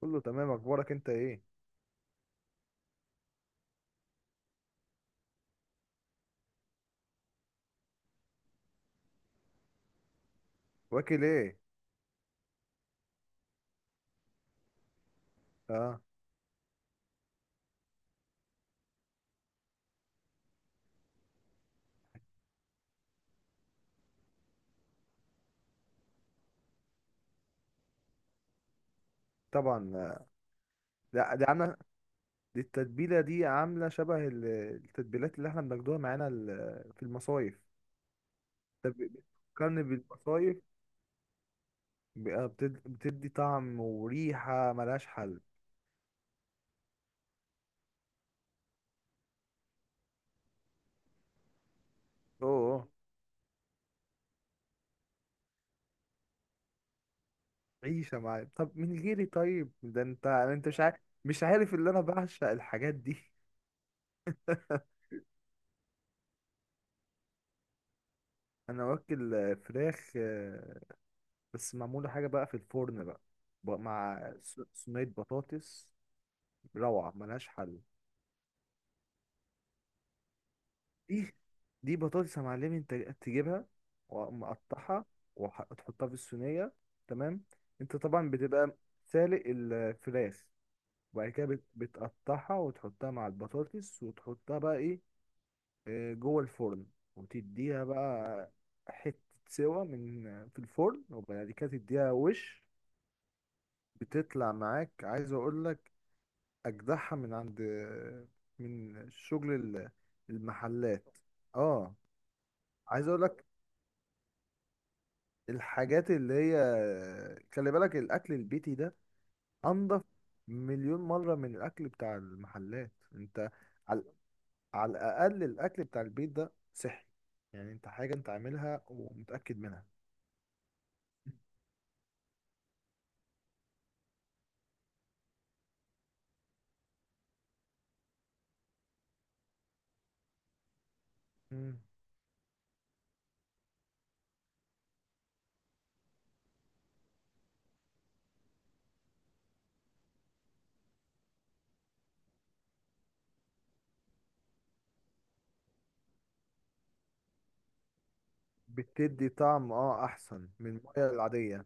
كله تمام، اخبارك انت ايه؟ واكل ايه؟ اه، طبعا. لا دي عامله. دي التتبيله عامله شبه التتبيلات اللي احنا بناخدوها معانا في المصايف. طب بتفكرني بالمصايف. بقى بتدي طعم وريحه ملهاش حل. اوه، عيشه معايا طب من غيري؟ طيب ده انت، مش عارف، مش عارف اللي انا بعشق الحاجات دي. انا واكل فراخ، بس معموله حاجه بقى في الفرن بقى، بقى مع صينيه بطاطس. روعة ملهاش حل. دي دي بطاطس يا معلمي، انت تجيبها ومقطعها وتحطها في الصينية، تمام. انت طبعا بتبقى سالق الفراخ، وبعد كده بتقطعها وتحطها مع البطاطس وتحطها بقى ايه؟ جوه الفرن، وتديها بقى حتة سوا من، في الفرن، وبعد كده تديها وش، بتطلع معاك. عايز اقول لك اجدعها من عند، من شغل المحلات. اه، عايز اقول لك الحاجات اللي هي، خلي بالك الاكل البيتي ده انضف مليون مره من الاكل بتاع المحلات. انت على، على الاقل الاكل بتاع البيت ده صحي، يعني انت حاجه انت عاملها ومتاكد منها. مم. بتدي طعم اه، احسن من الميه العاديه.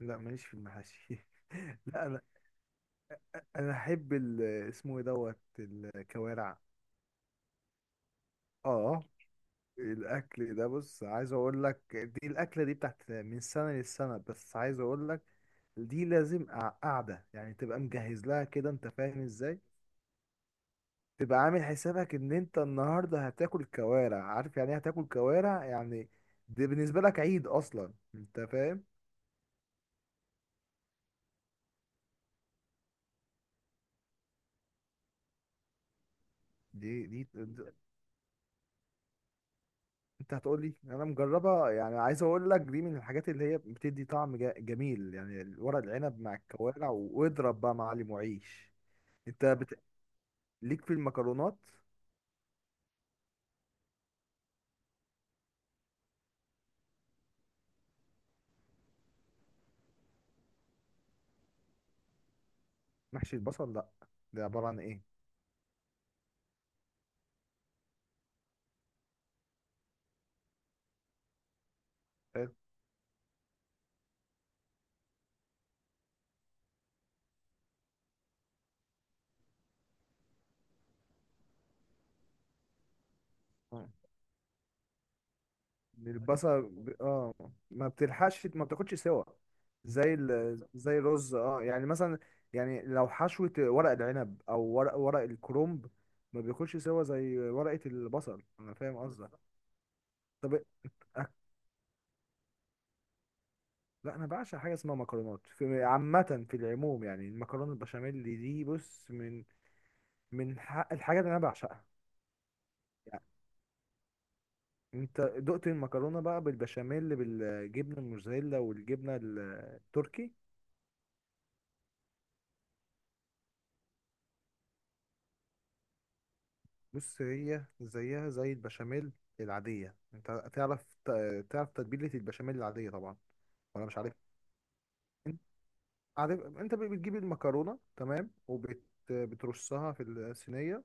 لا، ماليش في المحاشي. لا انا، انا احب اسمه ايه دوت، الكوارع. اه، الاكل ده بص، عايز اقول لك دي الاكله دي بتاعت من سنه للسنه، بس عايز اقول لك دي لازم قعده، يعني تبقى مجهز لها كده، انت فاهم ازاي، تبقى عامل حسابك ان انت النهارده هتاكل كوارع. عارف يعني ايه هتاكل كوارع يعني؟ دي بالنسبه لك عيد اصلا، انت فاهم. دي انت هتقول لي انا مجربها؟ يعني عايز اقول لك دي من الحاجات اللي هي بتدي طعم جميل، يعني ورق العنب مع الكوارع، واضرب بقى معلم وعيش. انت بت... ليك في المكرونات؟ محشي البصل لا، ده عبارة عن ايه؟ حلو. آه. البصل ب... اه، ما بتلحقش، ما بتاخدش سوا زي ال...، زي الرز، اه يعني مثلا، يعني لو حشوة ورق العنب او ورق، ورق الكرنب ما بياخدش سوا زي ورقة البصل. انا فاهم قصدك. طب، أك- لا انا بعشق حاجة اسمها مكرونات في عامة، في العموم، يعني المكرونة البشاميل دي بص من، من الحاجات اللي انا بعشقها. انت دقت المكرونه بقى بالبشاميل، بالجبنه الموزاريلا والجبنه التركي؟ بص هي زيها زي البشاميل العاديه. انت تعرف تعرف تتبيله البشاميل العاديه طبعا ولا مش عارف؟ انت عارف انت بتجيب المكرونه، تمام، وبترصها في الصينيه،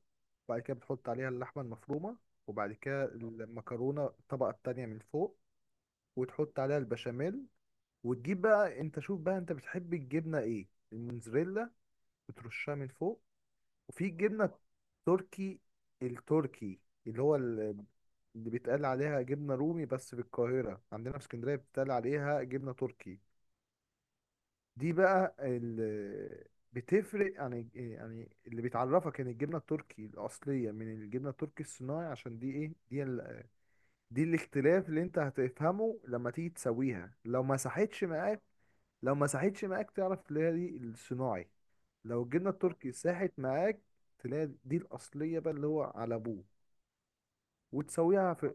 وبعد كده بتحط عليها اللحمه المفرومه، وبعد كده المكرونه الطبقه التانية من فوق، وتحط عليها البشاميل، وتجيب بقى انت، شوف بقى انت بتحب الجبنه ايه. الموزاريلا بترشها من فوق، وفي الجبنه التركي التركي اللي هو اللي بيتقال عليها جبنه رومي، بس في القاهره، عندنا في اسكندريه بيتقال عليها جبنه تركي. دي بقى اللي بتفرق، يعني اللي بيتعرفك ان الجبنه التركي الاصليه من الجبنه التركي الصناعي، عشان دي ايه، دي ال...، دي الاختلاف اللي انت هتفهمه لما تيجي تسويها. لو ما صحتش معاك، لو ما صحتش معاك تعرف اللي هي دي الصناعي. لو الجبنه التركي ساحت معاك تلاقي دي الاصليه بقى، اللي هو على ابوه. وتسويها في.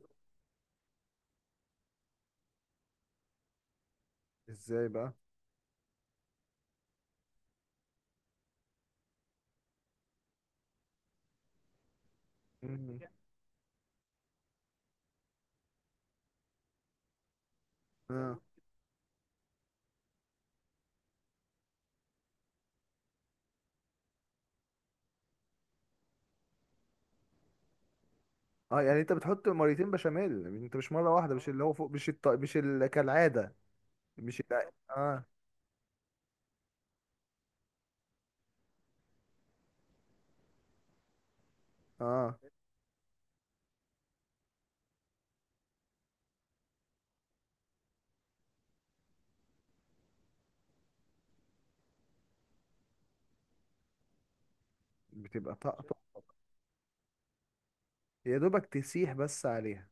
ازاي بقى؟ مم. اه، اه يعني انت بتحط مرتين بشاميل انت، مش مره واحده، مش اللي هو فوق، مش الط...، مش ال... كالعاده، مش ال... اه. اه، بتبقى طقطق. يا دوبك تسيح بس عليها.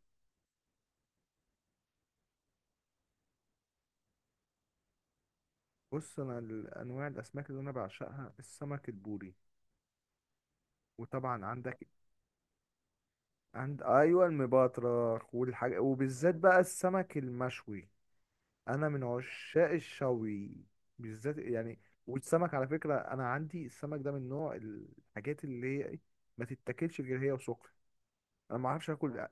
بص، انا انواع الاسماك اللي انا بعشقها السمك البوري، وطبعا عندك. عند، ايوه، المبطرخ والحاجه، وبالذات بقى السمك المشوي. انا من عشاق الشوي بالذات يعني. والسمك على فكره، انا عندي السمك ده من نوع الحاجات اللي هي ما تتاكلش غير هي وسخن. انا ما اعرفش اكل،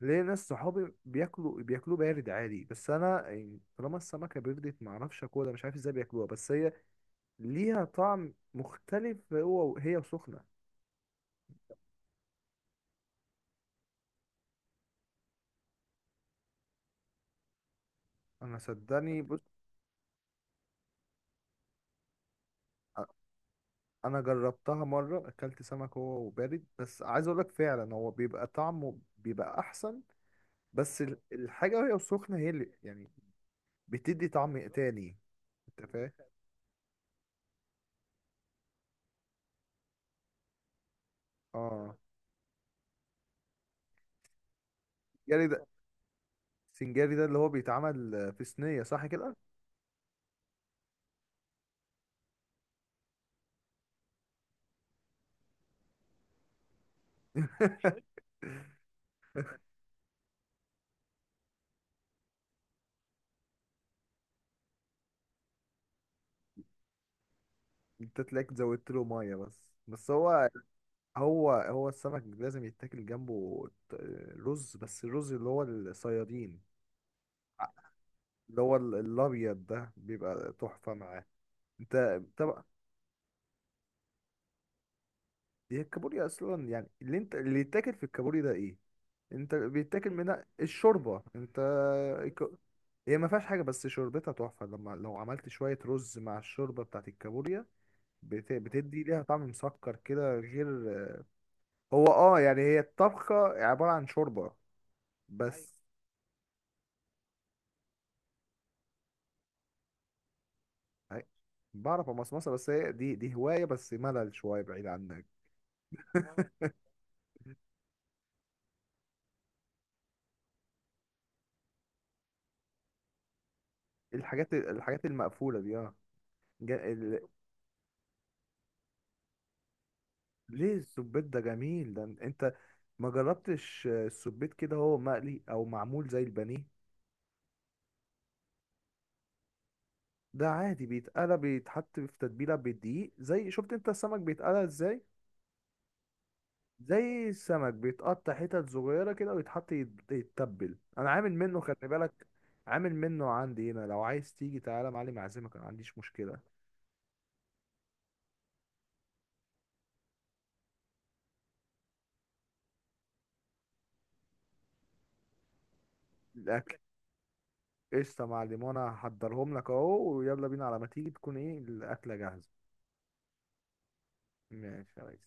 ليه ناس صحابي بياكلوا، بياكلوه بارد عادي، بس انا يعني طالما السمكه بردت ما اعرفش اكلها. مش عارف ازاي بياكلوها، بس هي ليها طعم مختلف هو هي وسخنه. انا صدقني بص، أ- انا جربتها مره، اكلت سمك هو وبارد، بس عايز اقول لك فعلا هو بيبقى طعمه بيبقى احسن، بس الحاجة وهي سخنة هي اللي يعني بتدي طعم تاني. انت فاهم؟ اه. سنجاري ده، سنجاري ده اللي هو بيتعمل في صينية صح كده؟ انت تلاقيك زودت له مية، بس بس هو، هو السمك لازم يتاكل جنبه رز، بس الرز اللي هو الصيادين. ع- اللي هو الابيض ده بيبقى تحفة معاه. انت طب. هي الكابوريا اصلا يعني اللي انت، اللي يتاكل في الكابوريا ده ايه؟ انت بيتاكل منها الشوربه انت. الك- هي ما فيهاش حاجه، بس شوربتها تحفه لما لو عملت شويه رز مع الشوربه بتاعت الكابوريا. بتدي ليها طعم مسكر كده، غير هو، اه يعني هي الطبخه عباره عن شوربه، ايوه. بس هي- بعرف امصمصه، بس هي دي هوايه، بس ملل شويه بعيد عنك. اه، الحاجات، الحاجات المقفوله دي، اه. جا- ال... ليه؟ السبيت ده جميل، ده انت ما جربتش السبيت كده هو مقلي او معمول زي البانيه؟ ده عادي، بيتقلى، بيتحط في تتبيلة بالدقيق، زي شفت انت السمك بيتقلى ازاي، زي السمك بيتقطع حتت صغيرة كده ويتحط، يتبل. انا عامل منه، خلي بالك، عامل منه عندي هنا، لو عايز تيجي تعالى يا معلم اعزمك، انا ما عنديش مشكلة. الاكل قشطة يا معلم، وانا هحضرهم لك اهو، ويلا بينا، على ما تيجي تكون ايه الاكلة جاهزة. ماشي يا ريس.